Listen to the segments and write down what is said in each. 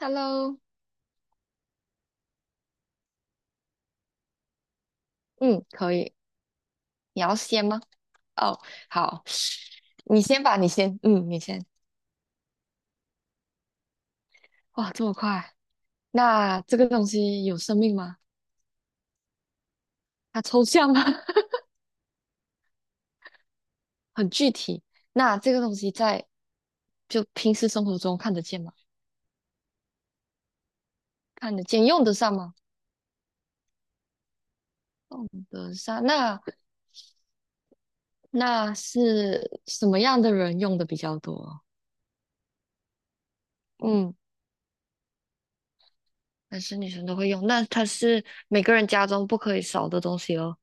Hello，嗯，可以。你要先吗？哦，好，你先吧，你先，嗯，你先。哇，这么快？那这个东西有生命吗？它抽象吗？很具体。那这个东西就平时生活中看得见吗？看得见，用得上吗？用得上。那是什么样的人用的比较多？嗯，男生女生都会用。那它是每个人家中不可以少的东西哦。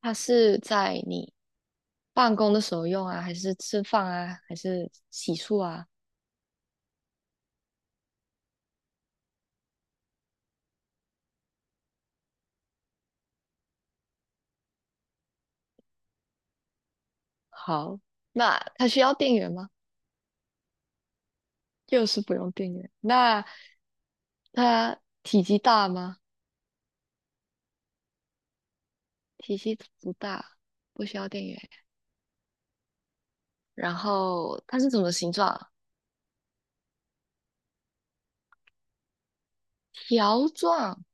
它是在你办公的时候用啊，还是吃饭啊，还是洗漱啊？好，那它需要电源吗？就是不用电源。那它体积大吗？体积不大，不需要电源。然后它是什么形状啊？条状，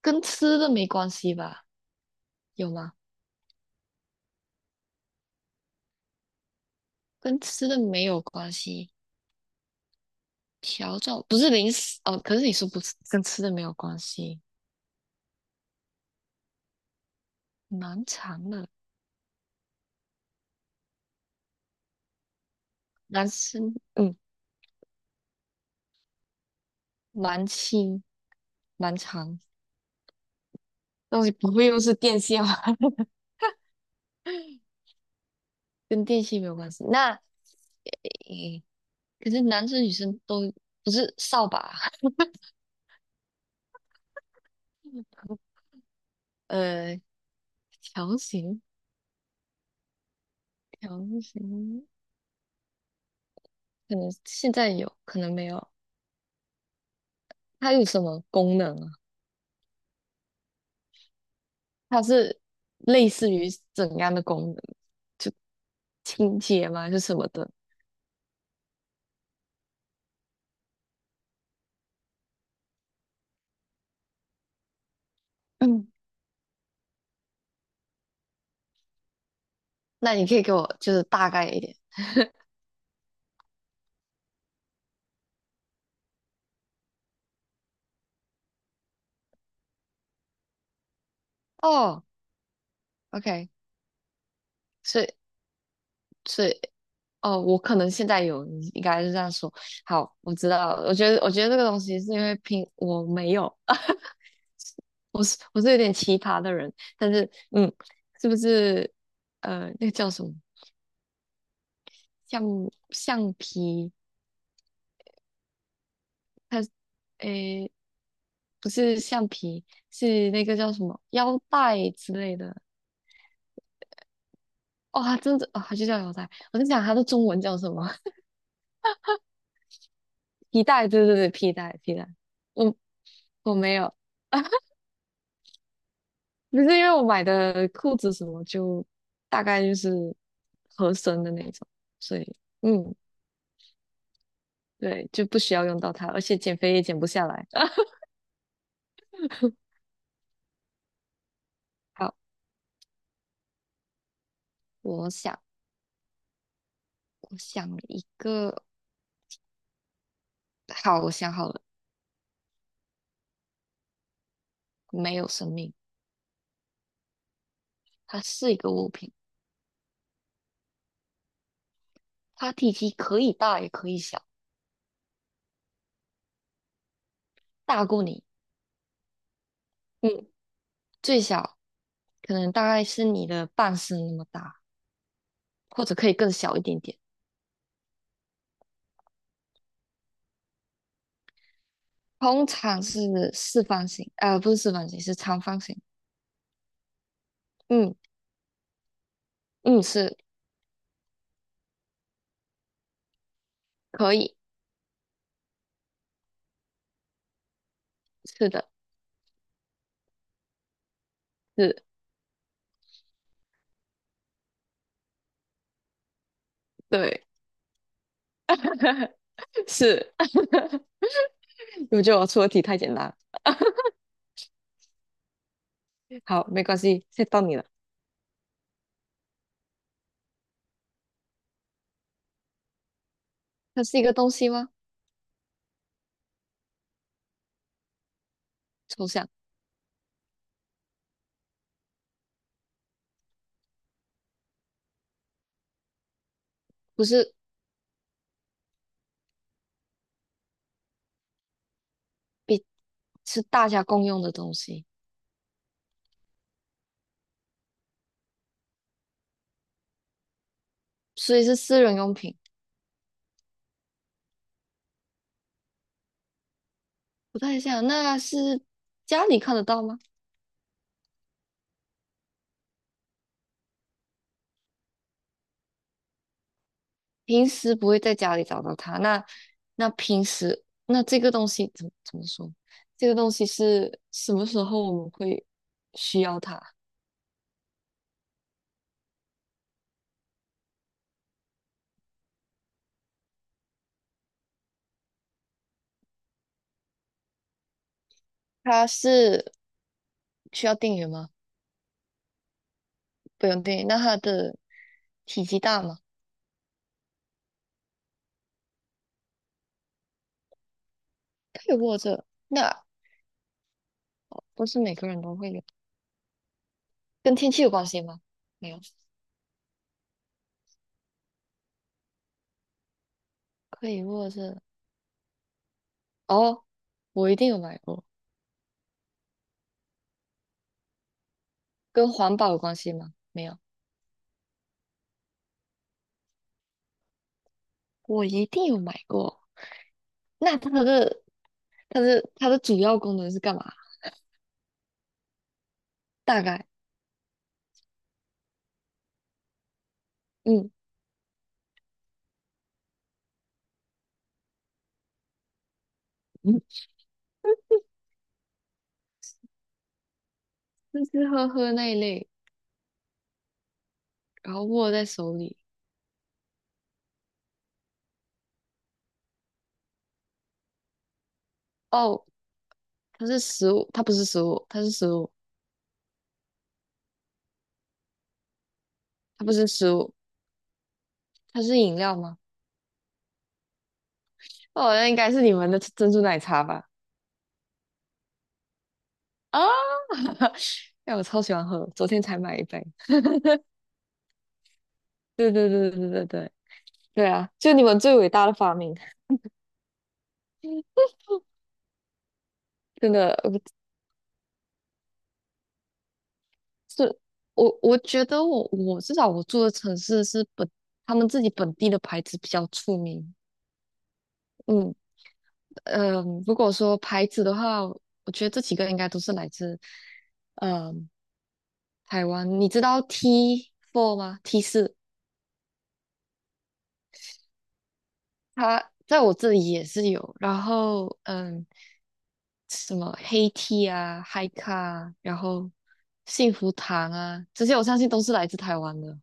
跟吃的没关系吧？有吗？跟吃的没有关系。条状不是零食哦，可是你说不是跟吃的没有关系，蛮长的。男生，嗯，蛮轻蛮长，东西不会又是电线吧？跟电线没有关系。那诶，可是男生女生都不是扫把，呃，条形条形，可能现在有，可能没有。它有什么功能啊？它是类似于怎样的功能？就清洁吗？还是什么的？嗯，那你可以给我就是大概一点。哦，OK，所以所以哦，我可能现在有，你应该是这样说。好，我知道了。我觉得这个东西是因为拼我没有，我是有点奇葩的人，但是是不是那个叫什么橡橡皮？它诶不是橡皮，是那个叫什么腰带之类的。哦，它真的哦，它就叫腰带。我在想它的中文叫什么？皮带，对对对，皮带皮带。我我没有。不是因为我买的裤子什么就大概就是合身的那种，所以嗯，对，就不需要用到它，而且减肥也减不下来。好，我想我想一个，好，我想好了，没有生命，它是一个物品，它体积可以大也可以小，大过你，嗯，最小可能大概是你的半身那么大，或者可以更小一点点。通常是四方形，不是四方形，是长方形。嗯，嗯，是可以，是的，是，对，是。我觉得我出的题太简单了。好，没关系，现在到你了。它是一个东西吗？抽象，不是比，是大家共用的东西，所以是私人用品。不太像，那是家里看得到吗？平时不会在家里找到它。那平时这个东西怎么说？这个东西是什么时候我们会需要它？它是需要电源吗？不用定义那它的体积大吗？可以握着，那不是每个人都会有，跟天气有关系吗？没有，可以握着。哦，我一定有买过，跟环保有关系吗？没有，我一定有买过。那它的主要功能是干嘛？大概，嗯嗯，吃吃喝喝那一类，然后握在手里。哦，它是食物，它不是食物，它是食物，它不是食物，它是饮料吗？哦，那应该是你们的珍珠奶茶吧。啊，哎，我超喜欢喝，昨天才买一杯。对对对对对对对，对啊，就你们最伟大的发明，真的，是我觉得我至少我住的城市是本他们自己本地的牌子比较出名。嗯嗯，如果说牌子的话，我觉得这几个应该都是来自嗯台湾。你知道 T4 吗？T4，它在我这里也是有。然后嗯。什么黑 TH 啊、嗨咖啊，然后幸福堂啊，这些我相信都是来自台湾的。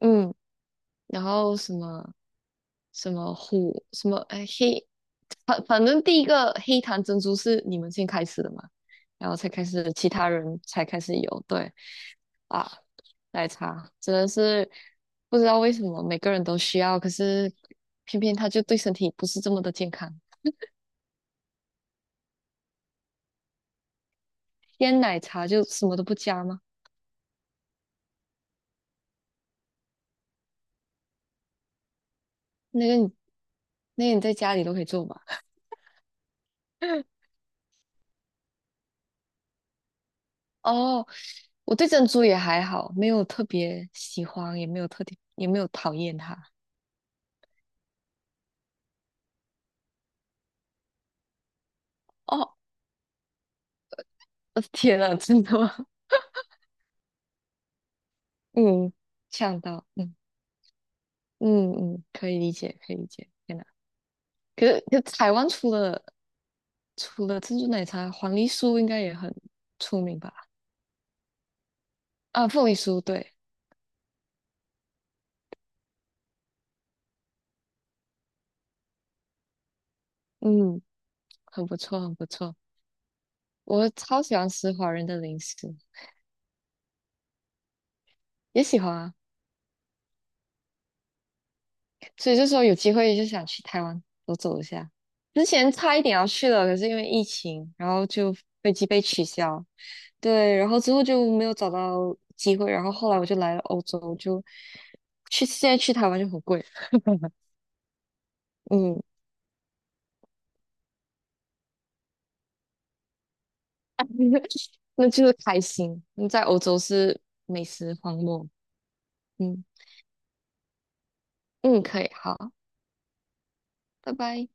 嗯，然后什么什么虎什么哎黑，反正第一个黑糖珍珠是你们先开始的嘛，然后才开始其他人才开始有，对啊，奶茶真的是不知道为什么每个人都需要，可是偏偏它就对身体不是这么的健康。鲜奶茶就什么都不加吗？那个你那你在家里都可以做吧？哦，我对珍珠也还好，没有特别喜欢，也没有特别，也没有讨厌它。哦，我的天呐，真的吗？嗯，呛到，嗯嗯嗯，可以理解，可以理解。天呐，可是台湾除了珍珠奶茶，黄梨酥应该也很出名吧？啊，凤梨酥，对，嗯，很不错，很不错。我超喜欢吃华人的零食，也喜欢啊。所以就说有机会就想去台湾走走一下。之前差一点要去了，可是因为疫情，然后就飞机被取消。对，然后之后就没有找到机会，然后后来我就来了欧洲，就现在去台湾就很贵。嗯，那就是开心。那在欧洲是美食荒漠。嗯嗯，可以，好，拜拜。